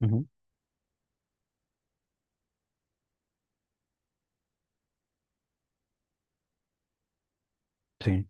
Ujú. Sí.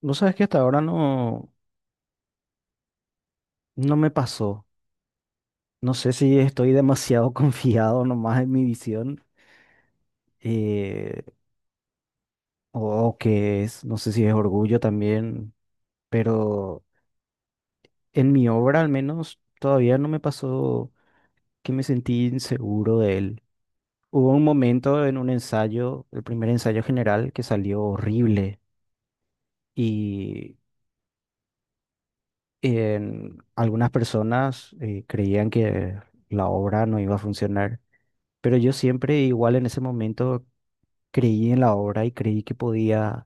Vos sabés que hasta ahora no me pasó. No sé si estoy demasiado confiado nomás en mi visión eh, o, o qué es. No sé si es orgullo también, pero en mi obra al menos todavía no me pasó que me sentí inseguro de él. Hubo un momento en un ensayo, el primer ensayo general, que salió horrible y en algunas personas creían que la obra no iba a funcionar. Pero yo siempre, igual en ese momento, creí en la obra y creí que podía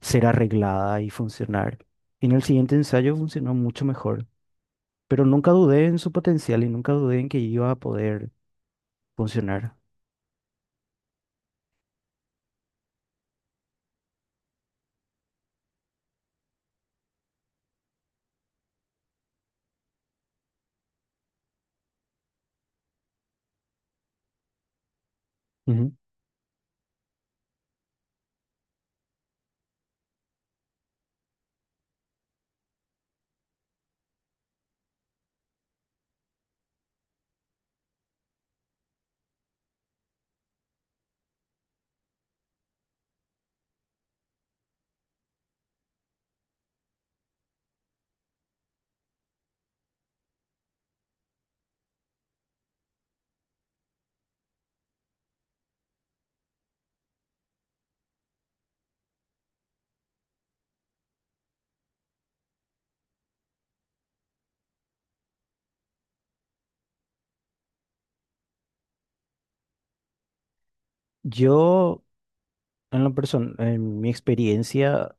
ser arreglada y funcionar. Y en el siguiente ensayo funcionó mucho mejor, pero nunca dudé en su potencial y nunca dudé en que iba a poder funcionar. Ujú. Yo, en la persona, en mi experiencia,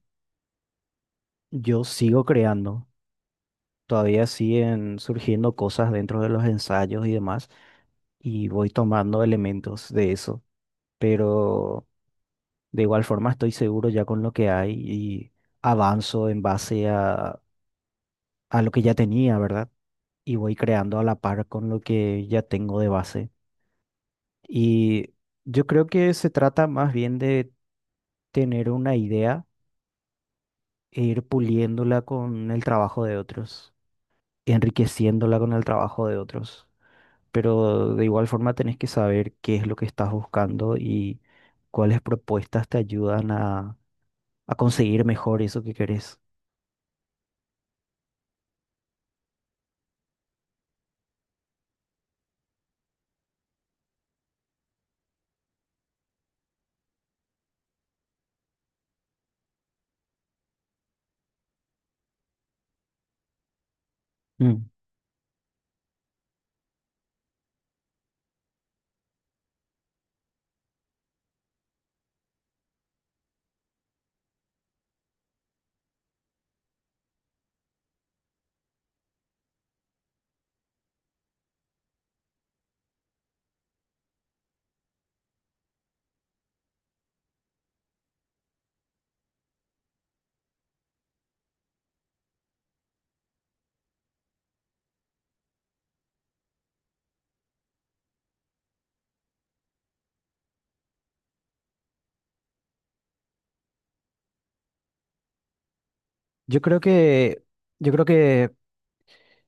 yo sigo creando. Todavía siguen surgiendo cosas dentro de los ensayos y demás, y voy tomando elementos de eso. Pero de igual forma, estoy seguro ya con lo que hay y avanzo en base a lo que ya tenía, ¿verdad? Y voy creando a la par con lo que ya tengo de base. Y yo creo que se trata más bien de tener una idea e ir puliéndola con el trabajo de otros, enriqueciéndola con el trabajo de otros. Pero de igual forma tenés que saber qué es lo que estás buscando y cuáles propuestas te ayudan a conseguir mejor eso que querés. Yo creo que, yo creo que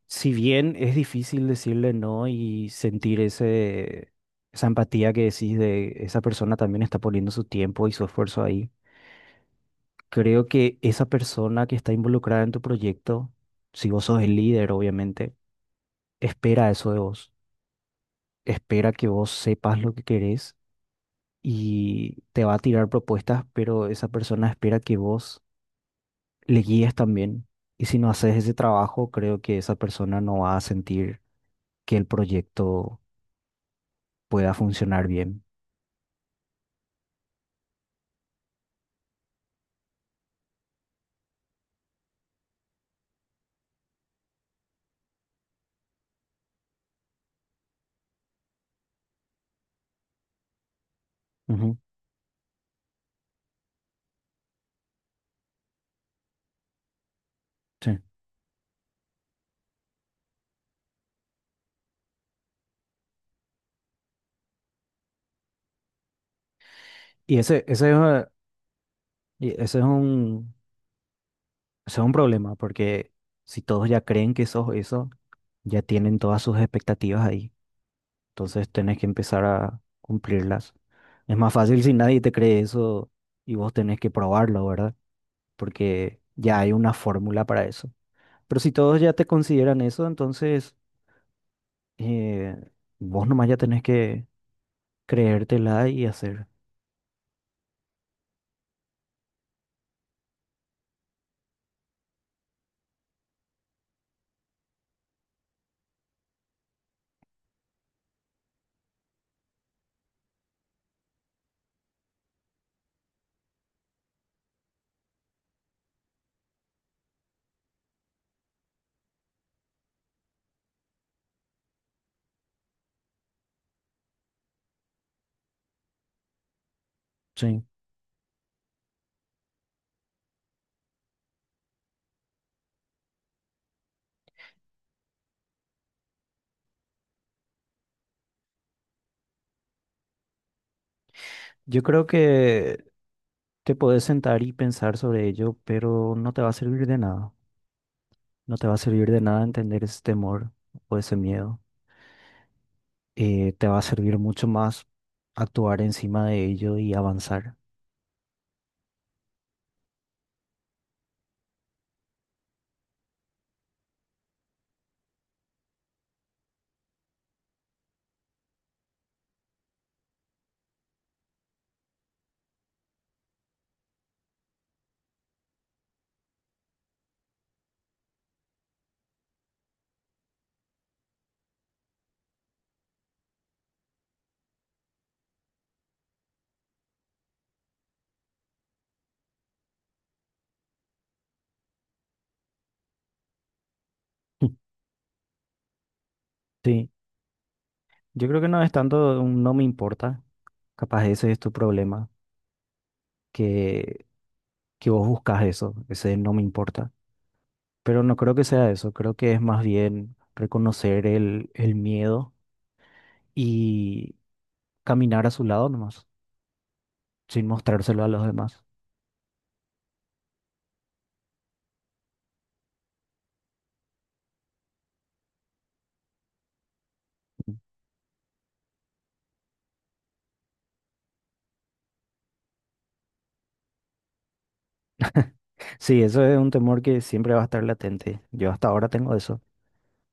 si bien es difícil decirle no y sentir esa empatía que decís de esa persona también está poniendo su tiempo y su esfuerzo ahí, creo que esa persona que está involucrada en tu proyecto, si vos sos el líder, obviamente, espera eso de vos, espera que vos sepas lo que querés y te va a tirar propuestas, pero esa persona espera que vos le guíes también. Y si no haces ese trabajo, creo que esa persona no va a sentir que el proyecto pueda funcionar bien. Ujú. Sí. Y ese, es, y ese es un problema, porque si todos ya creen que sos eso, ya tienen todas sus expectativas ahí. Entonces tenés que empezar a cumplirlas. Es más fácil si nadie te cree eso y vos tenés que probarlo, ¿verdad? Porque ya hay una fórmula para eso. Pero si todos ya te consideran eso, entonces eh, vos nomás ya tenés que creértela y hacer. Sí. Yo creo que te puedes sentar y pensar sobre ello, pero no te va a servir de nada. No te va a servir de nada entender ese temor o ese miedo. Te va a servir mucho más actuar encima de ello y avanzar. Sí, yo creo que no es tanto un no me importa. Capaz ese es tu problema, que, que vos buscas eso, ese no me importa. Pero no creo que sea eso. Creo que es más bien reconocer el miedo y caminar a su lado nomás, sin mostrárselo a los demás. Sí, eso es un temor que siempre va a estar latente. Yo hasta ahora tengo eso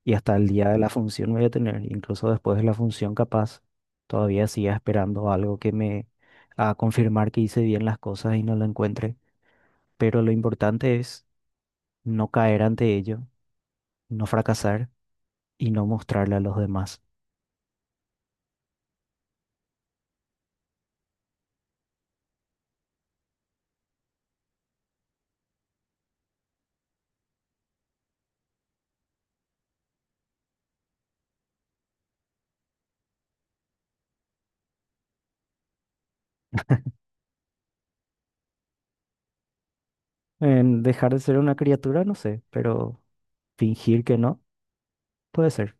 y hasta el día de la función voy a tener, incluso después de la función capaz, todavía siga esperando algo que me a confirmar que hice bien las cosas y no lo encuentre. Pero lo importante es no caer ante ello, no fracasar y no mostrarle a los demás. En dejar de ser una criatura, no sé, pero fingir que no, puede ser.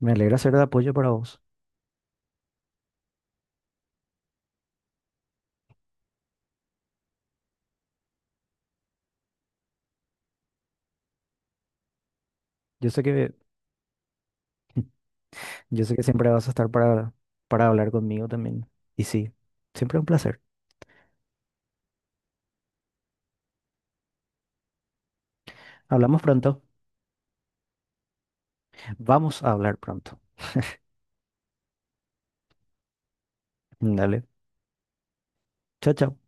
Me alegra ser de apoyo para vos. Yo sé que Yo sé que siempre vas a estar para hablar conmigo también. Y sí, siempre un placer. Hablamos pronto. Vamos a hablar pronto. Dale. Chao, chao.